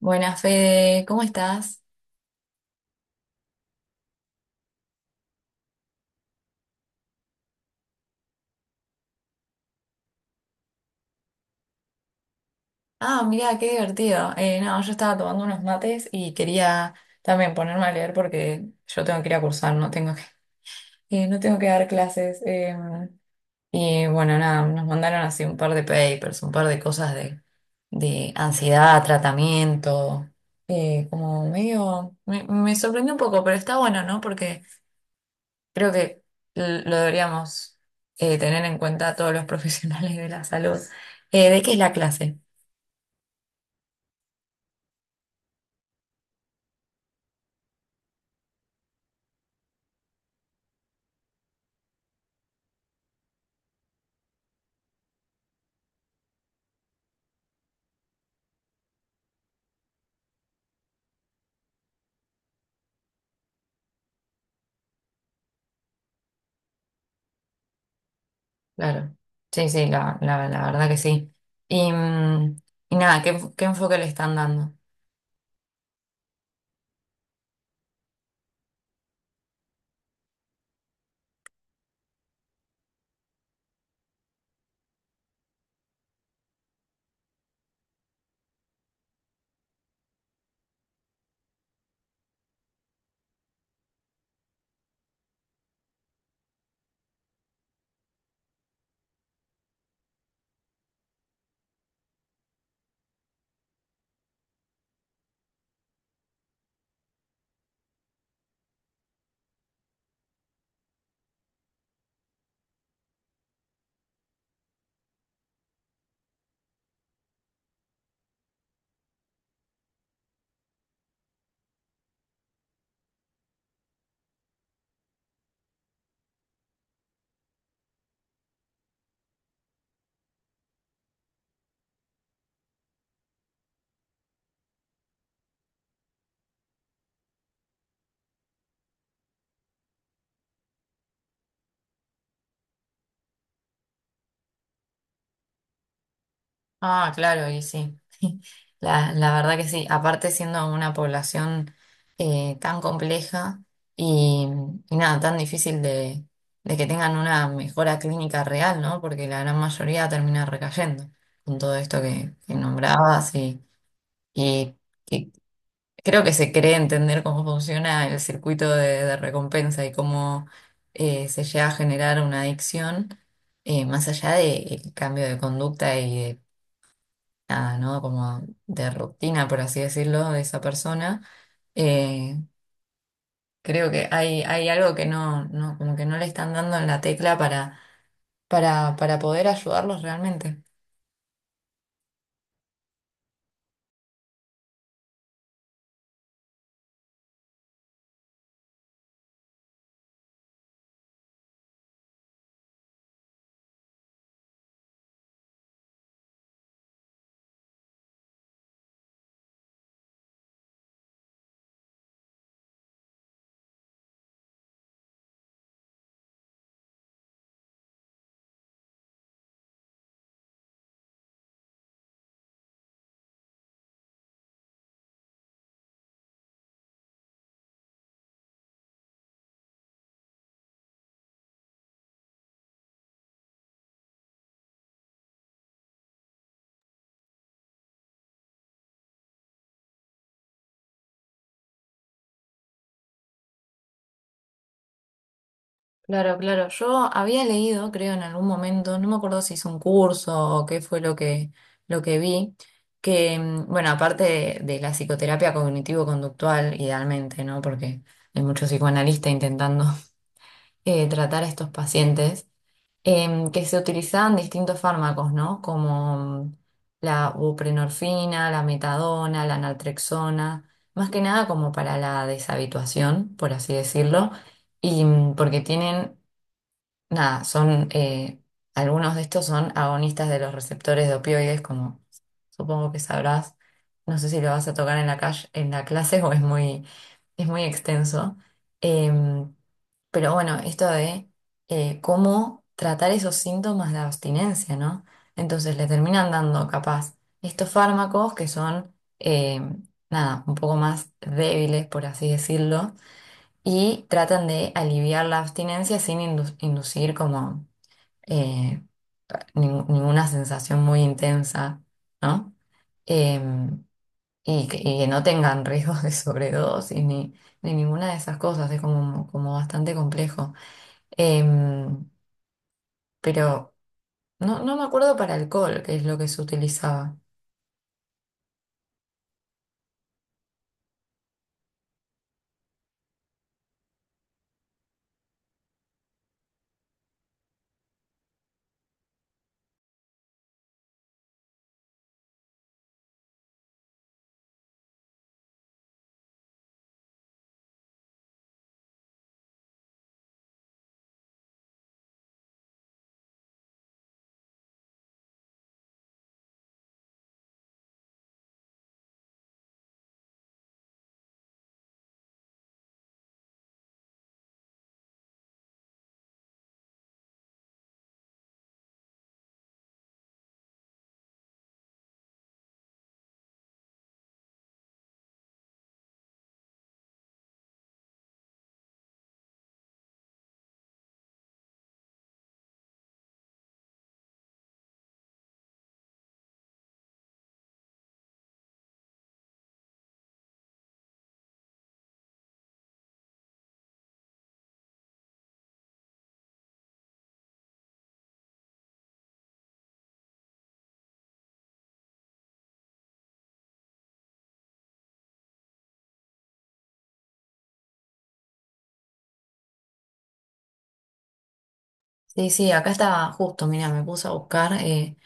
Buenas, Fede, ¿cómo estás? Ah, mira, qué divertido. No, yo estaba tomando unos mates y quería también ponerme a leer porque yo tengo que ir a cursar, no tengo que dar clases. Y bueno, nada, nos mandaron así un par de papers, un par de cosas de ansiedad, tratamiento, como medio, me sorprendió un poco, pero está bueno, ¿no? Porque creo que lo deberíamos tener en cuenta todos los profesionales de la salud. ¿De qué es la clase? Claro, sí, sí, la verdad que sí. Y, mm, y nada, ¿qué, qué enfoque le están dando? Ah, claro, y sí, la verdad que sí. Aparte siendo una población tan compleja y, y nada, tan difícil de que tengan una mejora clínica real, ¿no? Porque la gran mayoría termina recayendo con todo esto que nombrabas y Creo que se cree entender cómo funciona el circuito de recompensa y cómo se llega a generar una adicción, más allá del cambio de conducta y de, nada, ¿no? Como de rutina, por así decirlo, de esa persona. Eh, creo que hay algo que no, no, como que no le están dando en la tecla para poder ayudarlos realmente. Claro, claro. Yo había leído, creo, en algún momento, no me acuerdo si hice un curso o qué fue lo que vi, que, mm, bueno, aparte de la psicoterapia cognitivo-conductual, idealmente, ¿no? Porque hay muchos psicoanalistas intentando tratar a estos pacientes, que se utilizaban distintos fármacos, ¿no? Como mm, la buprenorfina, la metadona, la naltrexona, más que nada como para la deshabituación, por así decirlo, y mm, porque tienen nada, son, algunos de estos son agonistas de los receptores de opioides, como supongo que sabrás. No sé si lo vas a tocar en la calle, en la clase o es muy extenso. Em, pero bueno, esto de cómo tratar esos síntomas de abstinencia, ¿no? Entonces le terminan dando capaz estos fármacos que son, nada, un poco más débiles, por así decirlo, y tratan de aliviar la abstinencia sin inducir como eh, ninguna sensación muy intensa, ¿no? Em, y que no tengan riesgos de sobredosis ni, ni ninguna de esas cosas, es como, como bastante complejo. Em, pero no, no me acuerdo para alcohol, que es lo que se utilizaba. Sí, sí, acá estaba justo, mira, me puse a buscar,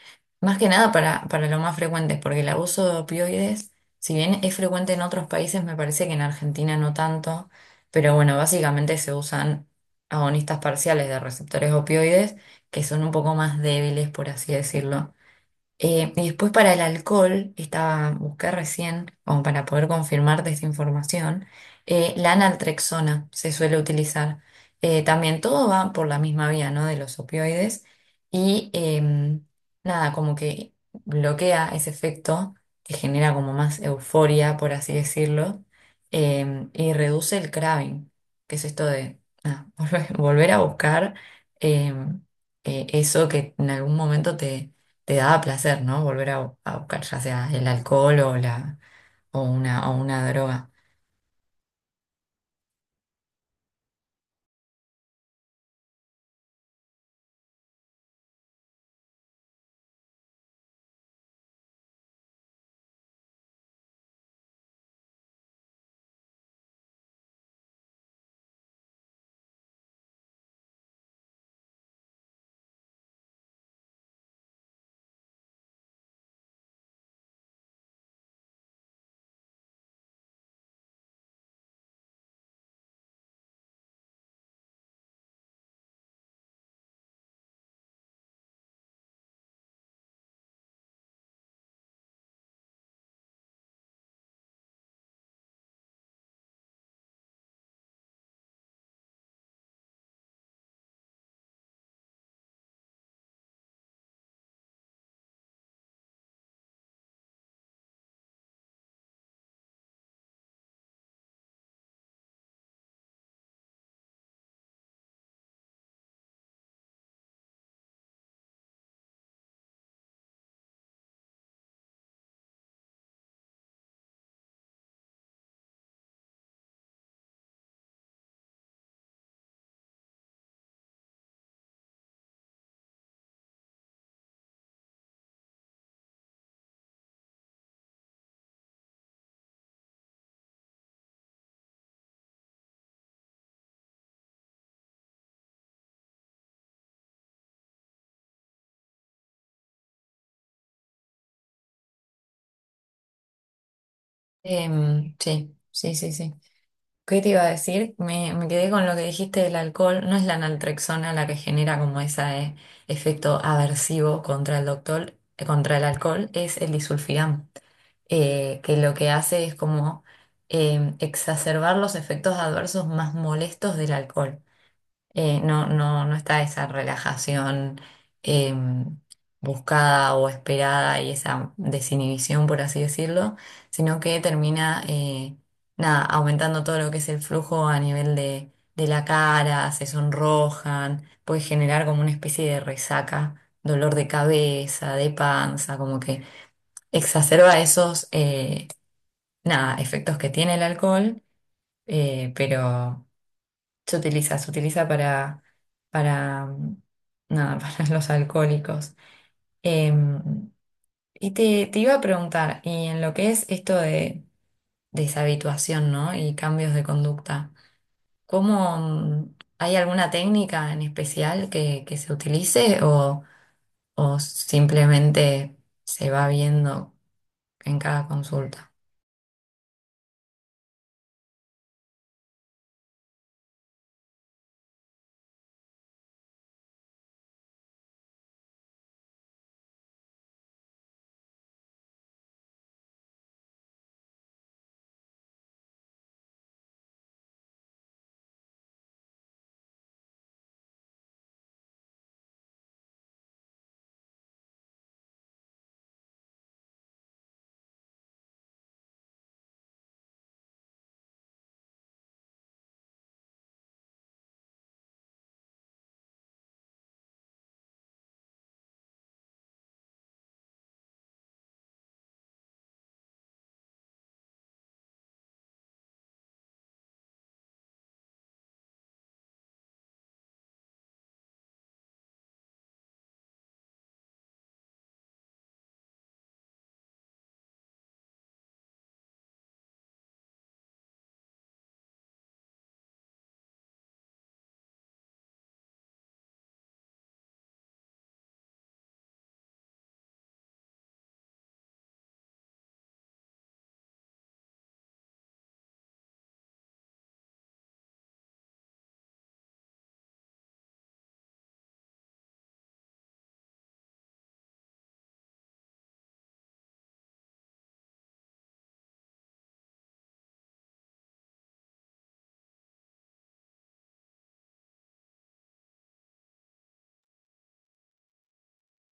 más que nada para lo más frecuente, porque el abuso de opioides, si bien es frecuente en otros países, me parece que en Argentina no tanto, pero bueno, básicamente se usan agonistas parciales de receptores opioides, que son un poco más débiles, por así decirlo. Y después para el alcohol, estaba, busqué recién, como para poder confirmarte esta información, la naltrexona se suele utilizar. También todo va por la misma vía, ¿no? De los opioides. Y em, nada, como que bloquea ese efecto que genera como más euforia, por así decirlo, y reduce el craving, que es esto de nada, volver a buscar em, eso que en algún momento te daba placer, ¿no? Volver a, a buscar ya sea el alcohol o una droga. Sí, sí, sí, sí. ¿Qué te iba a decir? Me quedé con lo que dijiste del alcohol. No es la naltrexona la que genera como ese efecto aversivo contra el doctor, contra el alcohol, es el disulfiram, que lo que hace es como exacerbar los efectos adversos más molestos del alcohol. No, no, no está esa relajación eh, buscada o esperada y esa desinhibición, por así decirlo, sino que termina nada, aumentando todo lo que es el flujo a nivel de la cara, se sonrojan, puede generar como una especie de resaca, dolor de cabeza, de panza, como que exacerba esos nada, efectos que tiene el alcohol, pero. Se utiliza mm, nada, para los alcohólicos. Em, y te, te iba a preguntar, y en lo que es esto de deshabituación, ¿no? Y cambios de conducta, ¿cómo, mm, hay alguna técnica en especial que se utilice o simplemente se va viendo en cada consulta?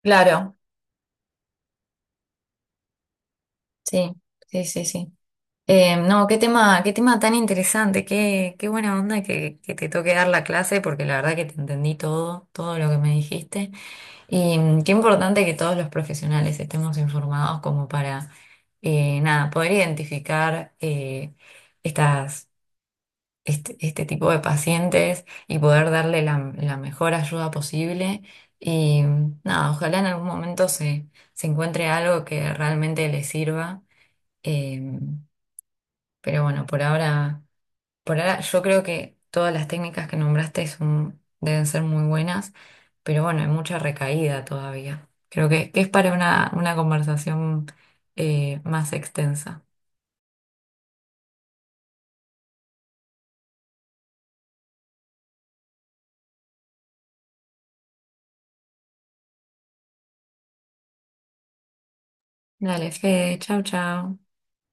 Claro, sí, sí, sí, sí. No, qué tema tan interesante, qué, qué buena onda que te toque dar la clase, porque la verdad que te entendí todo, todo lo que me dijiste. Y mm, qué importante que todos los profesionales estemos informados como para, nada, poder identificar estas, este tipo de pacientes y poder darle la, la mejor ayuda posible. Y mm, nada, ojalá en algún momento se, se encuentre algo que realmente les sirva. Em, pero bueno, por ahora... Por ahora, yo creo que todas las técnicas que nombraste son- deben ser muy buenas, pero bueno, hay mucha recaída todavía. Creo que es para una conversación más extensa. Dale, Fede, chau, chau.